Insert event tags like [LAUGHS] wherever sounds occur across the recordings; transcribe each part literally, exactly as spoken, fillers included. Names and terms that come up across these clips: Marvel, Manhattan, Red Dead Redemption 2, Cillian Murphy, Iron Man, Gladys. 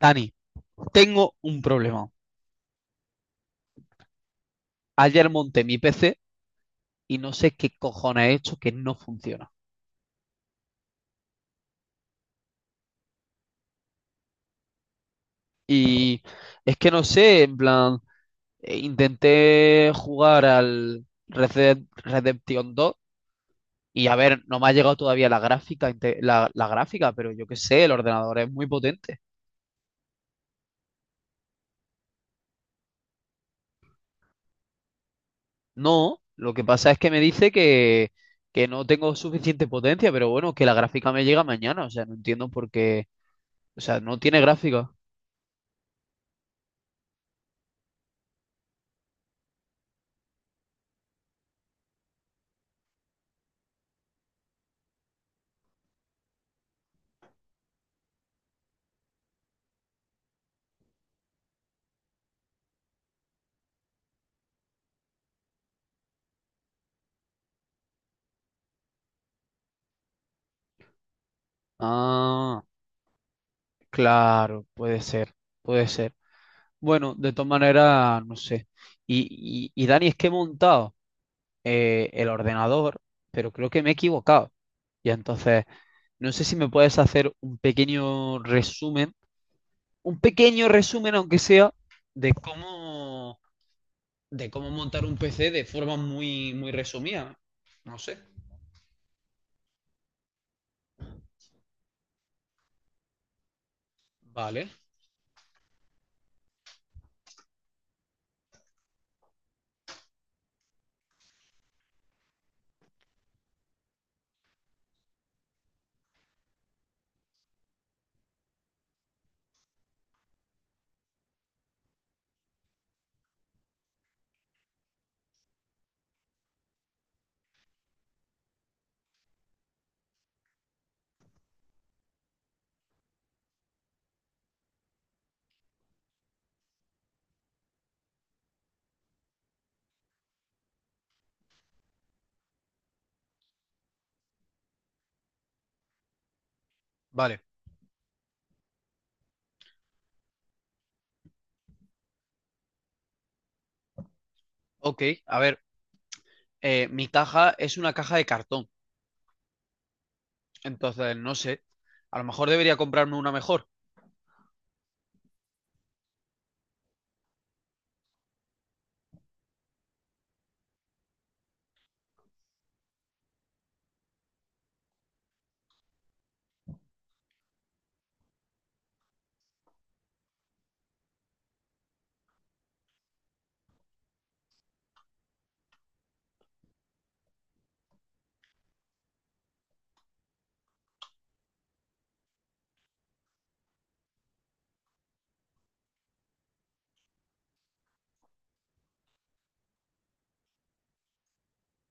Dani, tengo un problema. Ayer monté mi P C y no sé qué cojones he hecho que no funciona. Y es que no sé, en plan, eh, intenté jugar al Red Dead Redemption dos. Y a ver, no me ha llegado todavía la gráfica, inte- la, la gráfica, pero yo qué sé, el ordenador es muy potente. No, lo que pasa es que me dice que, que no tengo suficiente potencia, pero bueno, que la gráfica me llega mañana, o sea, no entiendo por qué, o sea, no tiene gráfica. Ah. Claro, puede ser, puede ser. Bueno, de todas maneras, no sé. Y, y, y Dani, es que he montado eh, el ordenador, pero creo que me he equivocado. Y entonces, no sé si me puedes hacer un pequeño resumen, un pequeño resumen, aunque sea, de cómo, de cómo montar un P C de forma muy, muy resumida. No sé. Vale, vale. Ok, a ver, eh, mi caja es una caja de cartón. Entonces, no sé. A lo mejor debería comprarme una mejor.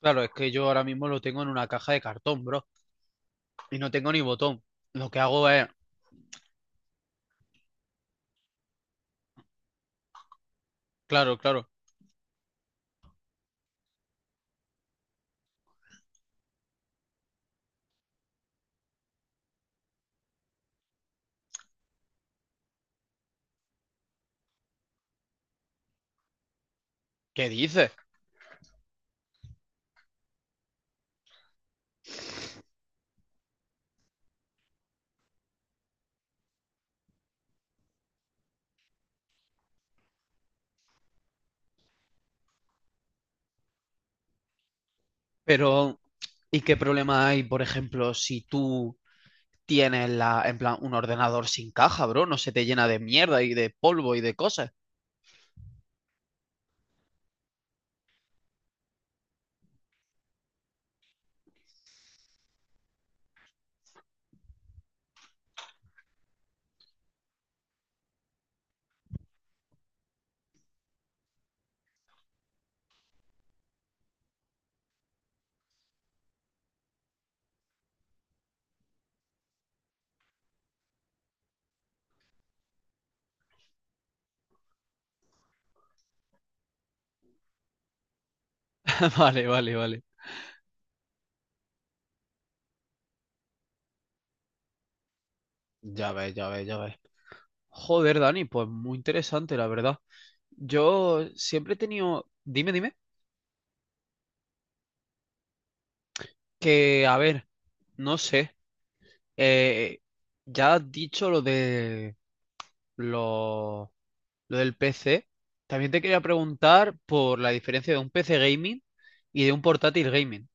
Claro, es que yo ahora mismo lo tengo en una caja de cartón, bro. Y no tengo ni botón. Lo que hago es, claro, claro, ¿qué dices? Pero, ¿y qué problema hay, por ejemplo, si tú tienes la, en plan, un ordenador sin caja, bro? No se te llena de mierda y de polvo y de cosas. [LAUGHS] Vale, vale, vale. Ya ves, ya ves, ya ves. Joder, Dani, pues muy interesante, la verdad. Yo siempre he tenido, dime, dime, que, a ver, no sé. Eh, ya has dicho lo de lo, lo del P C. También te quería preguntar por la diferencia de un P C gaming y de un portátil gaming.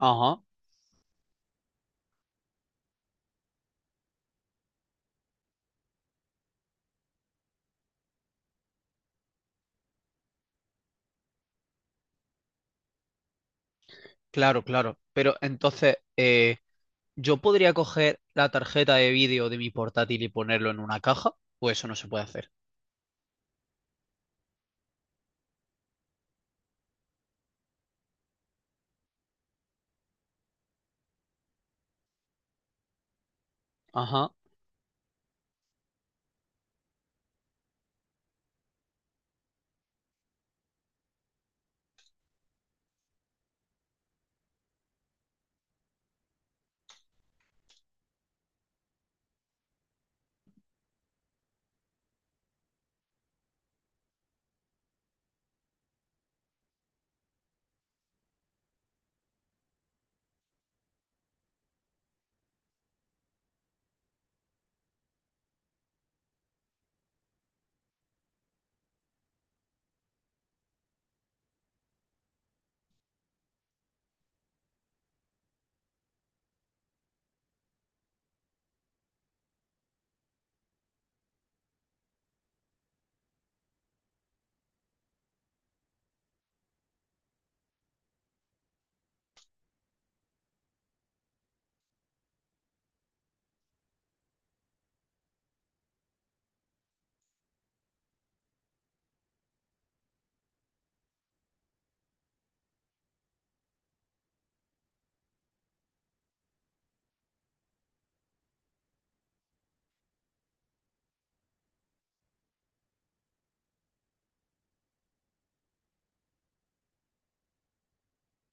Ajá, claro, claro. Pero entonces, eh, ¿yo podría coger la tarjeta de vídeo de mi portátil y ponerlo en una caja? Pues eso no se puede hacer. Ajá,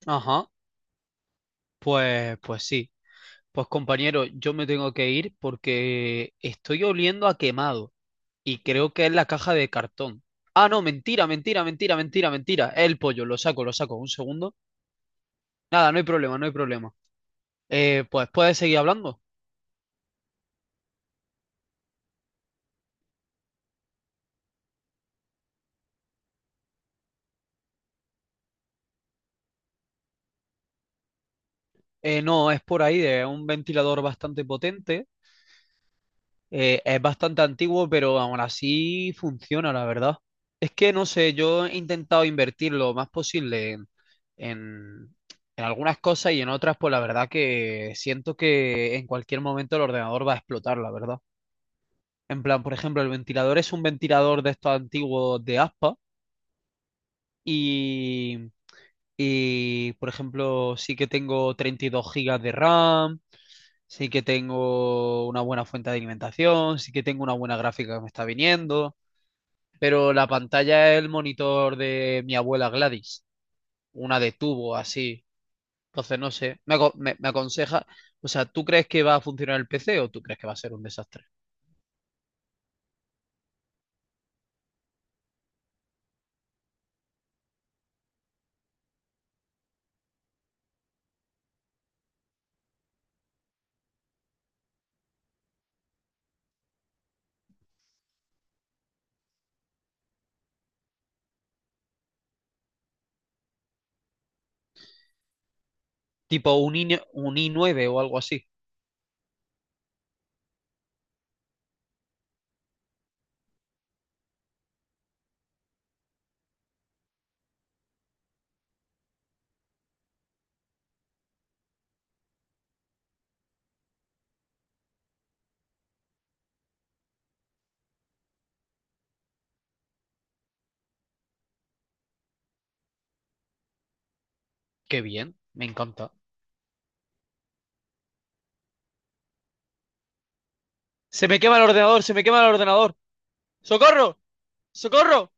ajá. Pues, pues sí. Pues compañero, yo me tengo que ir porque estoy oliendo a quemado, y creo que es la caja de cartón. Ah, no, mentira, mentira, mentira, mentira, mentira. Es el pollo, lo saco, lo saco. Un segundo. Nada, no hay problema, no hay problema. Eh, pues puedes seguir hablando. Eh, no, es por ahí, es un ventilador bastante potente. Eh, es bastante antiguo, pero aún así funciona, la verdad. Es que no sé, yo he intentado invertir lo más posible en, en, en algunas cosas y en otras, pues la verdad que siento que en cualquier momento el ordenador va a explotar, la verdad. En plan, por ejemplo, el ventilador es un ventilador de estos antiguos de aspa y, y, por ejemplo, sí que tengo treinta y dos gigas de R A M, sí que tengo una buena fuente de alimentación, sí que tengo una buena gráfica que me está viniendo, pero la pantalla es el monitor de mi abuela Gladys, una de tubo así. Entonces, no sé, me, aco- me, me aconseja, o sea, ¿tú crees que va a funcionar el P C o tú crees que va a ser un desastre? Tipo un i, un i nueve o algo así. Qué bien, me encanta. Se me quema el ordenador, se me quema el ordenador. ¡Socorro! ¡Socorro!